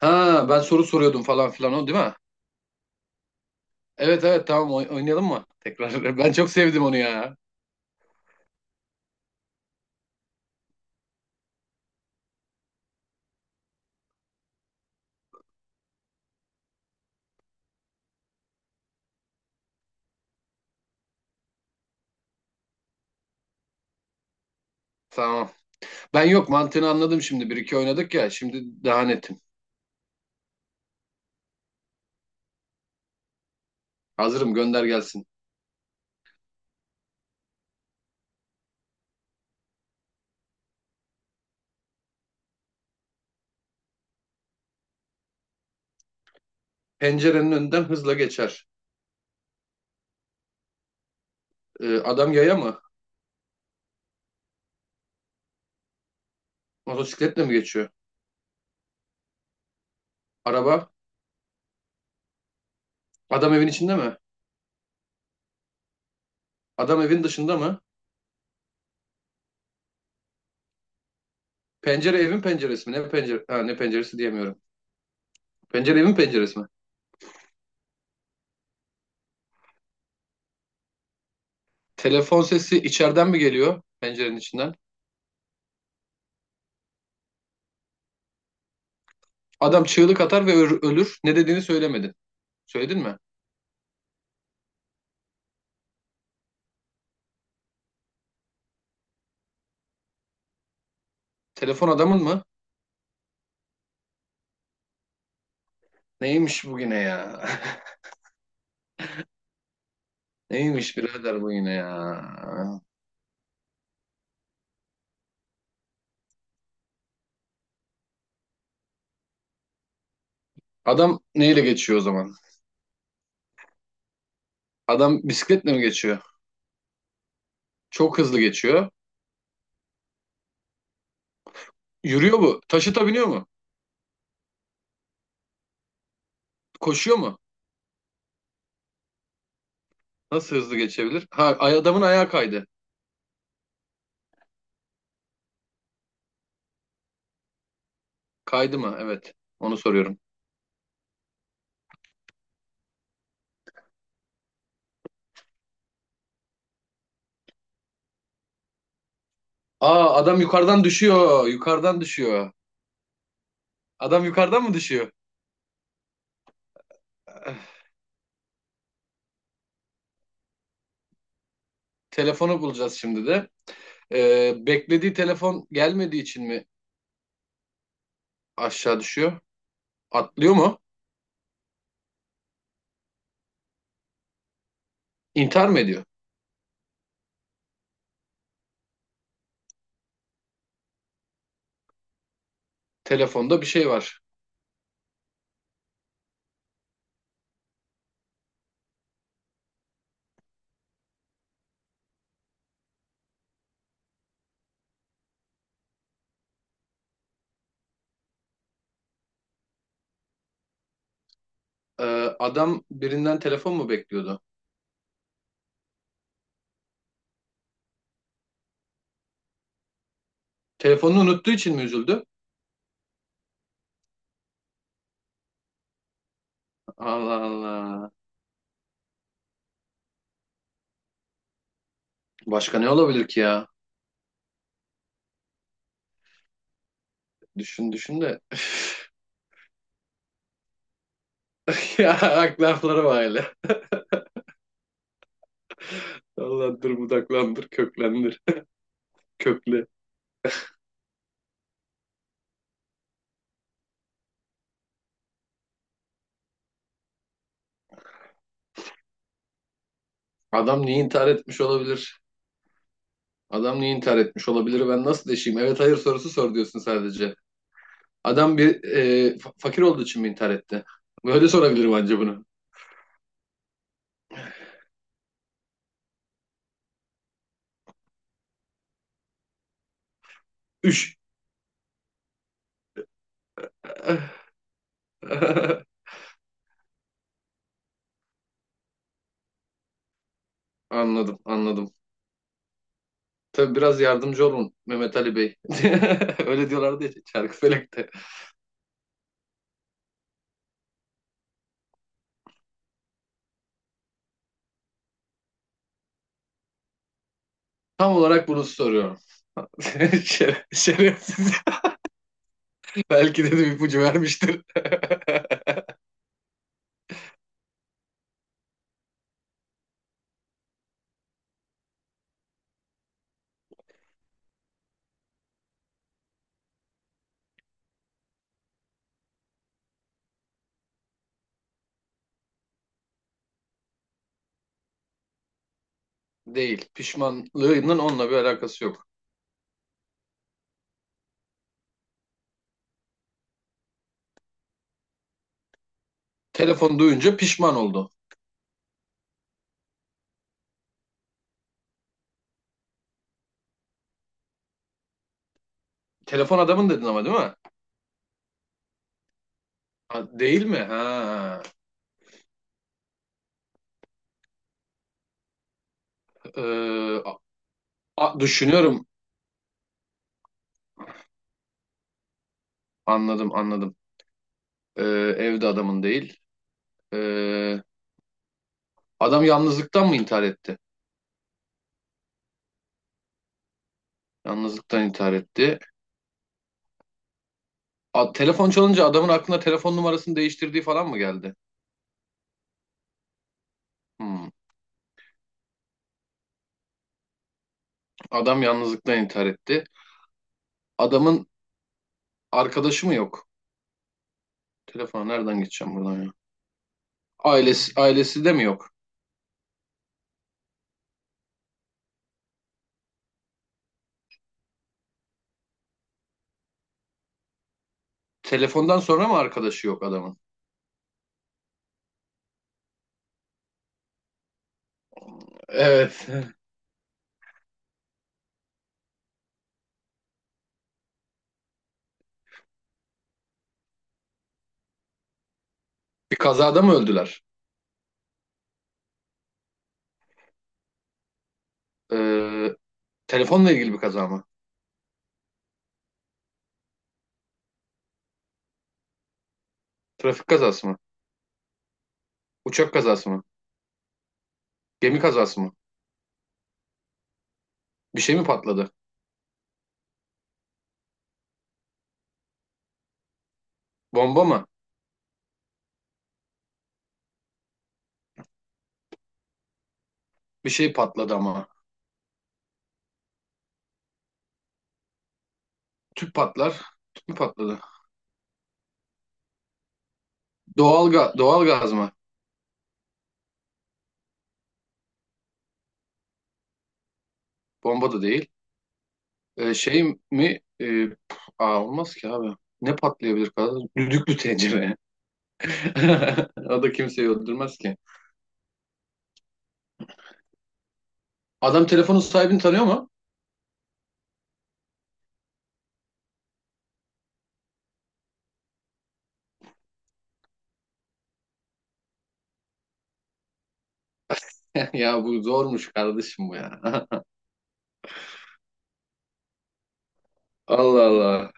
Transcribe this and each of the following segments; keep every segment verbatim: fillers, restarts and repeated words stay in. Ha, ben soru soruyordum falan filan, o değil mi? Evet, evet, tamam, oy- oynayalım mı? Tekrar. Ben çok sevdim onu ya. Tamam. Ben yok, mantığını anladım şimdi. Bir iki oynadık ya, şimdi daha netim. Hazırım, gönder gelsin. Pencerenin önünden hızla geçer. Ee, adam yaya mı? Motosikletle mi geçiyor? Araba? Adam evin içinde mi? Adam evin dışında mı? Pencere evin penceresi mi? Ne pencere? Ha, ne penceresi diyemiyorum. Pencere evin penceresi mi? Telefon sesi içeriden mi geliyor, pencerenin içinden? Adam çığlık atar ve ö- ölür. Ne dediğini söylemedin. Söyledin mi? Telefon adamın mı? Neymiş bugüne ya? Neymiş birader bu yine ya? Adam neyle geçiyor o zaman? Adam bisikletle mi geçiyor? Çok hızlı geçiyor. Yürüyor mu? Taşıta biniyor mu? Koşuyor mu? Nasıl hızlı geçebilir? Ha, ay- adamın ayağı kaydı. Kaydı mı? Evet. Onu soruyorum. Aa, adam yukarıdan düşüyor. Yukarıdan düşüyor. Adam yukarıdan mı düşüyor? Telefonu bulacağız şimdi de. Ee, beklediği telefon gelmediği için mi aşağı düşüyor? Atlıyor mu? İntihar mı ediyor? Telefonda bir şey var. Ee, Adam birinden telefon mu bekliyordu? Telefonunu unuttuğu için mi üzüldü? Allah Allah. Başka ne olabilir ki ya? Düşün düşün de. Ya aklı lafları var hele. Dallandır, budaklandır, köklendir. Kökle. Adam niye intihar etmiş olabilir? Adam niye intihar etmiş olabilir? Ben nasıl deşeyim? Evet hayır sorusu sor diyorsun sadece. Adam bir e, fa- fakir olduğu için mi intihar etti? Böyle sorabilirim anca bunu. Üş. Anladım, anladım. Tabii biraz yardımcı olun Mehmet Ali Bey. Öyle diyorlardı ya Çarkıfelek'te. Tam olarak bunu soruyorum. Şere- Şerefsiz. Belki de bir ipucu vermiştir. Değil. Pişmanlığının onunla bir alakası yok. Telefon duyunca pişman oldu. Telefon adamın dedin ama, değil mi? Ha, değil mi? Ha. Ee, a- a- düşünüyorum. Anladım, anladım. Ee, Evde adamın değil. Ee, Adam yalnızlıktan mı intihar etti? Yalnızlıktan intihar etti. A, telefon çalınca adamın aklına telefon numarasını değiştirdiği falan mı geldi? Hmm. Adam yalnızlıktan intihar etti. Adamın arkadaşı mı yok? Telefona nereden geçeceğim buradan ya? Ailesi, ailesi de mi yok? Telefondan sonra mı arkadaşı yok adamın? Evet. Bir kazada mı öldüler? Ee, Telefonla ilgili bir kaza mı? Trafik kazası mı? Uçak kazası mı? Gemi kazası mı? Bir şey mi patladı? Bomba mı? Bir şey patladı ama. Tüp patlar. Tüp mü patladı? Doğal, ga- doğal gaz mı? Bomba da değil. Ee, şey mi? Ee, aa, olmaz ki abi. Ne patlayabilir kardeşim? Düdüklü tencere. O da kimseyi öldürmez ki. Adam telefonun sahibini tanıyor mu? Ya bu zormuş kardeşim bu ya. Allah Allah.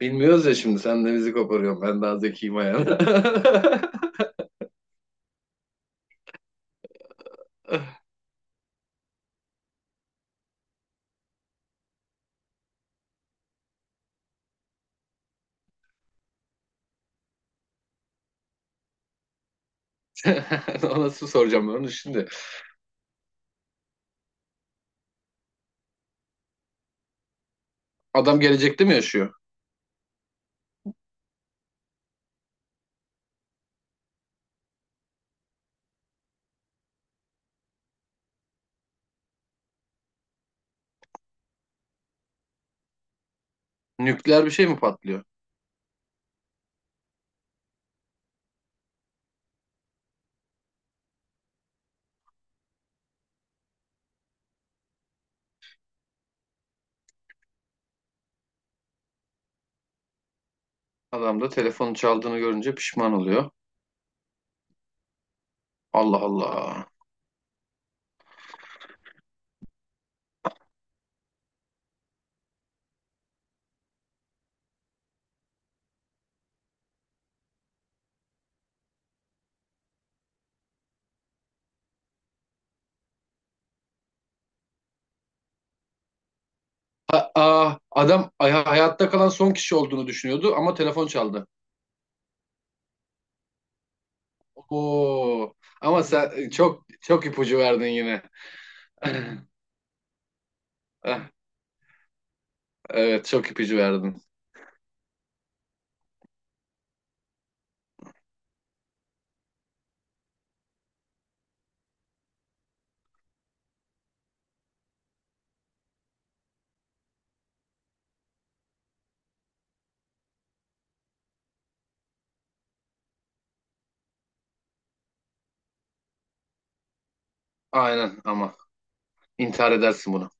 Bilmiyoruz ya, şimdi sen de bizi koparıyorsun. Ben daha zekiyim ayağına. Ona nasıl soracağım ben onu şimdi. Adam gelecekte mi yaşıyor? Nükleer bir şey mi patlıyor? Adam da telefonu çaldığını görünce pişman oluyor. Allah Allah. Ha, aa, adam ay- hayatta kalan son kişi olduğunu düşünüyordu ama telefon çaldı. Oo. Ama sen çok çok ipucu verdin yine. Eh, evet, çok ipucu verdin. Aynen ama intihar edersin bunu.